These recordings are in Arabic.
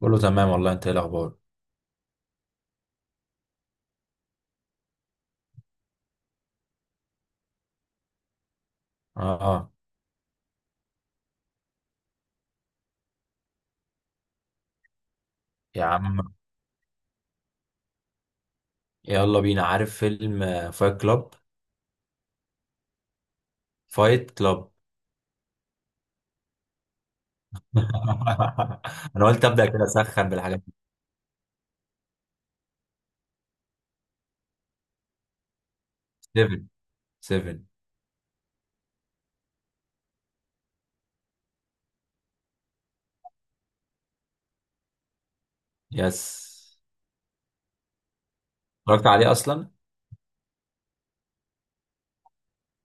كله تمام والله، انت ايه الاخبار؟ اه، آه. يا عم، يلا بينا. عارف فيلم فايت كلاب؟ فايت كلاب. انا قلت ابدا كده اسخن بالحاجات دي. 7 7 يس. اتفرجت عليه اصلا.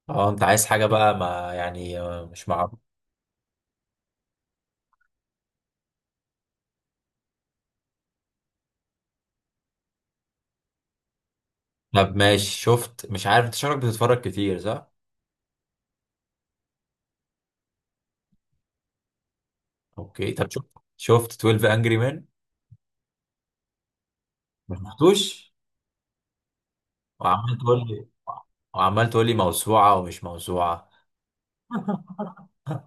اه، انت عايز حاجه بقى، ما يعني مش معروف. طب ماشي. شفت، مش عارف، انت شكلك بتتفرج كتير، صح؟ اوكي طب، شفت 12 انجري مان؟ ما شفتوش؟ وعمال تقول لي وعمال تقول لي موسوعه ومش موسوعه.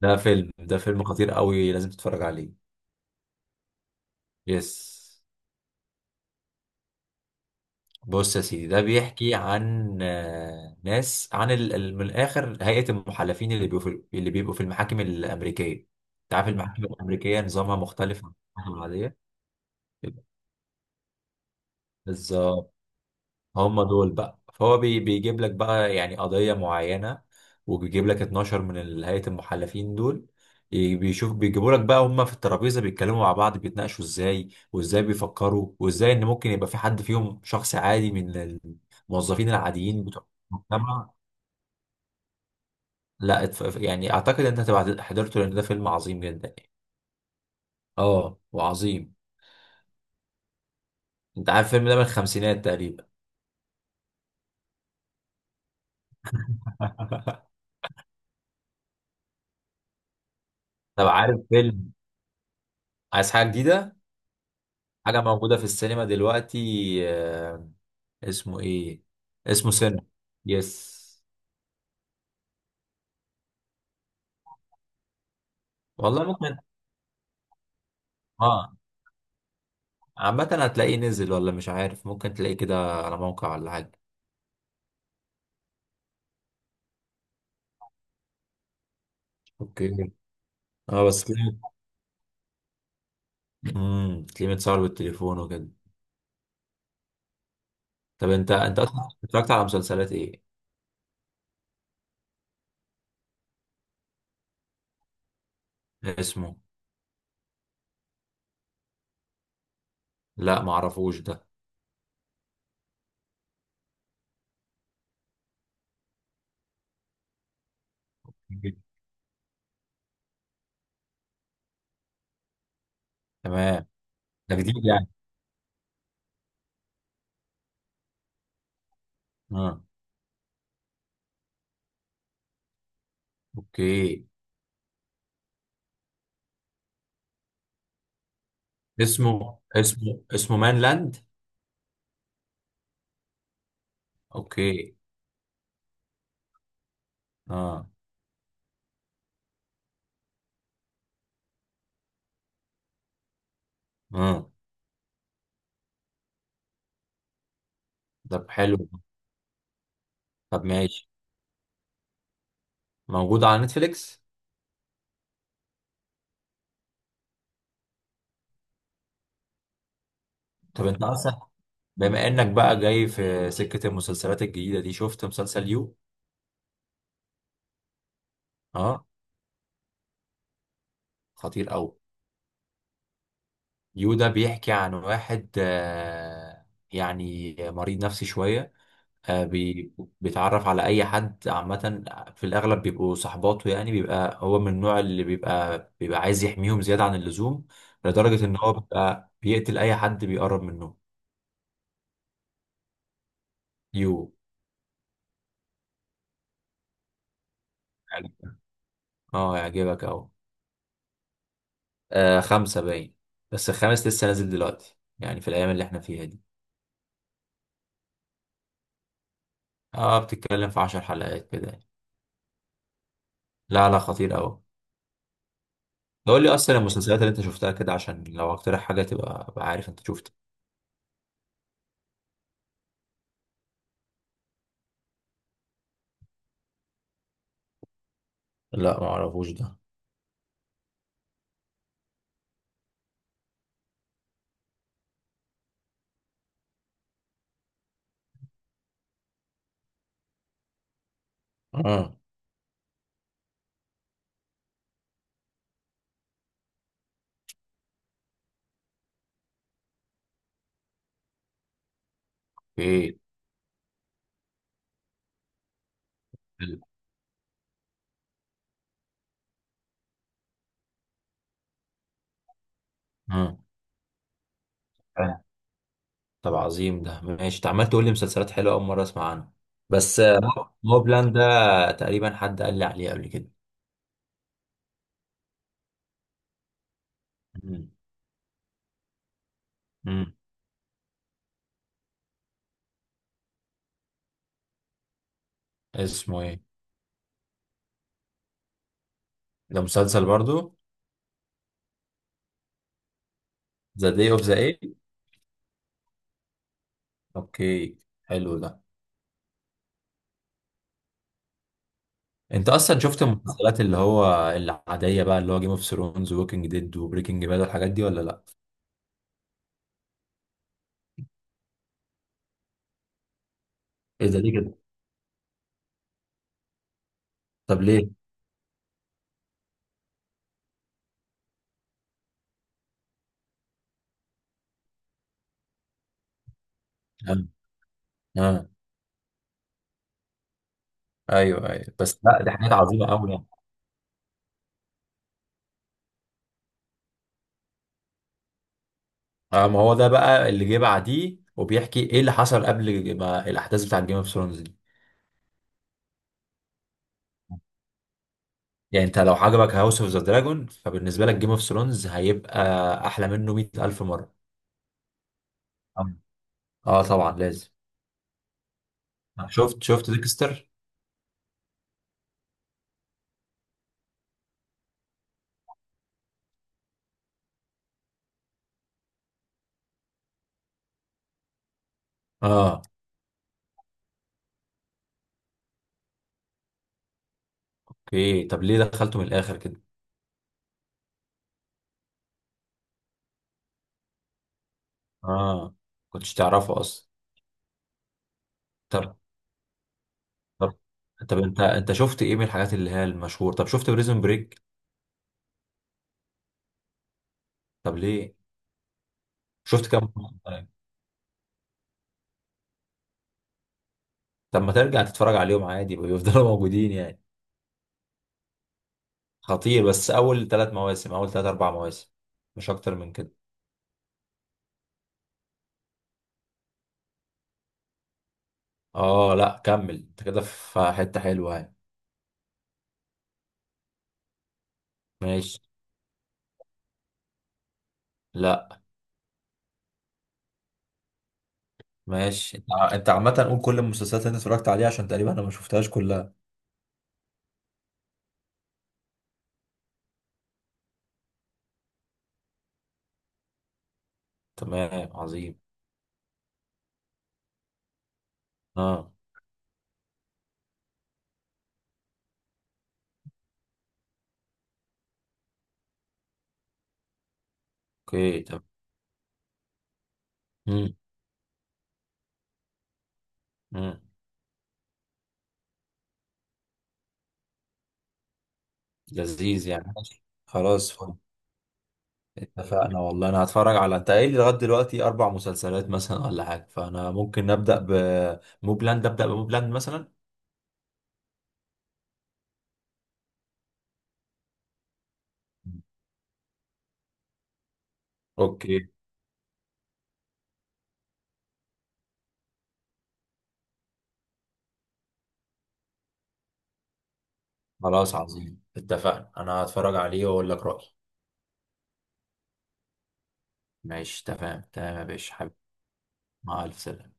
ده فيلم خطير قوي، لازم تتفرج عليه. يس. بص يا سيدي، ده بيحكي عن ناس، عن من الاخر هيئة المحلفين اللي اللي بيبقوا في المحاكم الأمريكية. انت عارف المحاكم الأمريكية نظامها مختلف عن المحاكم العادية. بالظبط. هم دول بقى، فهو بيجيب لك بقى يعني قضية معينة. وبيجيب لك 12 هيئة المحلفين دول. بيشوف بيجيبوا لك بقى، هم في الترابيزة بيتكلموا مع بعض، بيتناقشوا ازاي، وازاي بيفكروا، وازاي ان ممكن يبقى في حد فيهم شخص عادي من الموظفين العاديين بتوع المجتمع. لا، يعني اعتقد ان انت هتبقى حضرته، لان ده فيلم عظيم جدا يعني. اه، وعظيم. انت عارف الفيلم ده من الخمسينات تقريبا. طب، عارف فيلم؟ عايز حاجة جديدة؟ حاجة موجودة في السينما دلوقتي، اسمه ايه؟ اسمه سن. يس. والله ممكن. اه. عامة، هتلاقيه نزل ولا مش عارف، ممكن تلاقيه كده على موقع ولا حاجة. اوكي. اه بس تلاقيه، تلاقيه متصور بالتليفون وكده. طب، انت اصلا اتفرجت على مسلسلات ايه؟ اسمه؟ لا، معرفوش ده. تمام. ده جديد يعني؟ اه. اوكي. اسمه مان لاند؟ اوكي. اه. اه. طب حلو. طب ماشي. موجود على نتفليكس؟ طب انت اصلا، بما انك بقى جاي في سكة المسلسلات الجديدة دي، شفت مسلسل يو؟ اه. خطير قوي. يو ده بيحكي عن واحد، يعني مريض نفسي شوية. آه بي بيتعرف على اي حد عامة. في الاغلب بيبقوا صحباته، يعني بيبقى هو من النوع اللي بيبقى عايز يحميهم زيادة عن اللزوم. لدرجة ان هو بيبقى بيقتل اي حد بيقرب منه. يو. يعجبك. اه يعجبك اهو. خمسة باين. بس الخامس لسه نازل دلوقتي، يعني في الايام اللي احنا فيها دي. اه، بتتكلم في 10 حلقات كده يعني. لا لا، خطير قوي. قول لي اصلا المسلسلات اللي انت شفتها كده، عشان لو اقترح حاجه تبقى ابقى عارف انت شفت. لا ما اعرفوش ده. اه. ايه. حلو. اه، آه. طب عظيم، ده ماشي. انت عمال تقول لي مسلسلات حلوه اول مره اسمع عنها. بس مو بلان ده تقريبا حد قال لي عليه قبل كده. مم. مم. اسمه ايه؟ ده مسلسل برضو؟ ذا داي اوف ذا ايه؟ اوكي. حلو ده. انت اصلا شفت المسلسلات اللي هو العاديه بقى، اللي هو جيم اوف ثرونز ووكينج ديد وبريكنج باد والحاجات دي، ولا لا؟ ايه ده، ليه كده؟ طب ليه؟ اه. اه. ايوه ايوه، بس لا، دي حاجات عظيمه قوي يعني. اه، ما هو ده بقى اللي جه بعديه، وبيحكي ايه اللي حصل قبل ما الاحداث بتاعت جيم اوف ثرونز دي. يعني انت لو عجبك هاوس اوف ذا دراجون، فبالنسبه لك جيم اوف ثرونز هيبقى احلى منه 100000 مره. اه. اه طبعا لازم. شفت ديكستر؟ اه. اوكي، طب ليه دخلته من الاخر كده؟ اه. كنتش تعرفه اصلا؟ طب طب طب انت شفت ايه من الحاجات اللي هي المشهور؟ طب شفت بريزون بريك؟ طب ليه؟ شفت كام موسم؟ طب ما ترجع تتفرج عليهم عادي، بيفضلوا موجودين يعني. خطير، بس اول ثلاث مواسم، اول ثلاث اربع مواسم، مش اكتر من كده. اه لا، كمل انت كده في حتة حلوة يعني. ماشي. لا. ماشي، انت عامة قول كل المسلسلات اللي انت اتفرجت عليها، عشان تقريبا انا ما شفتهاش كلها. تمام عظيم. اه. اوكي. تمام. لذيذ يعني ماشي. خلاص، فل. اتفقنا والله، انا هتفرج على، انت قايل لي لغايه دلوقتي اربع مسلسلات مثلا ولا حاجه، فانا ممكن نبدا بموبلاند، ابدا بموبلاند مثلا. اوكي. خلاص عظيم، اتفقنا، انا هتفرج عليه واقول لك رايي. ماشي، تمام تمام يا باشا حبيبي. مع الف سلامه.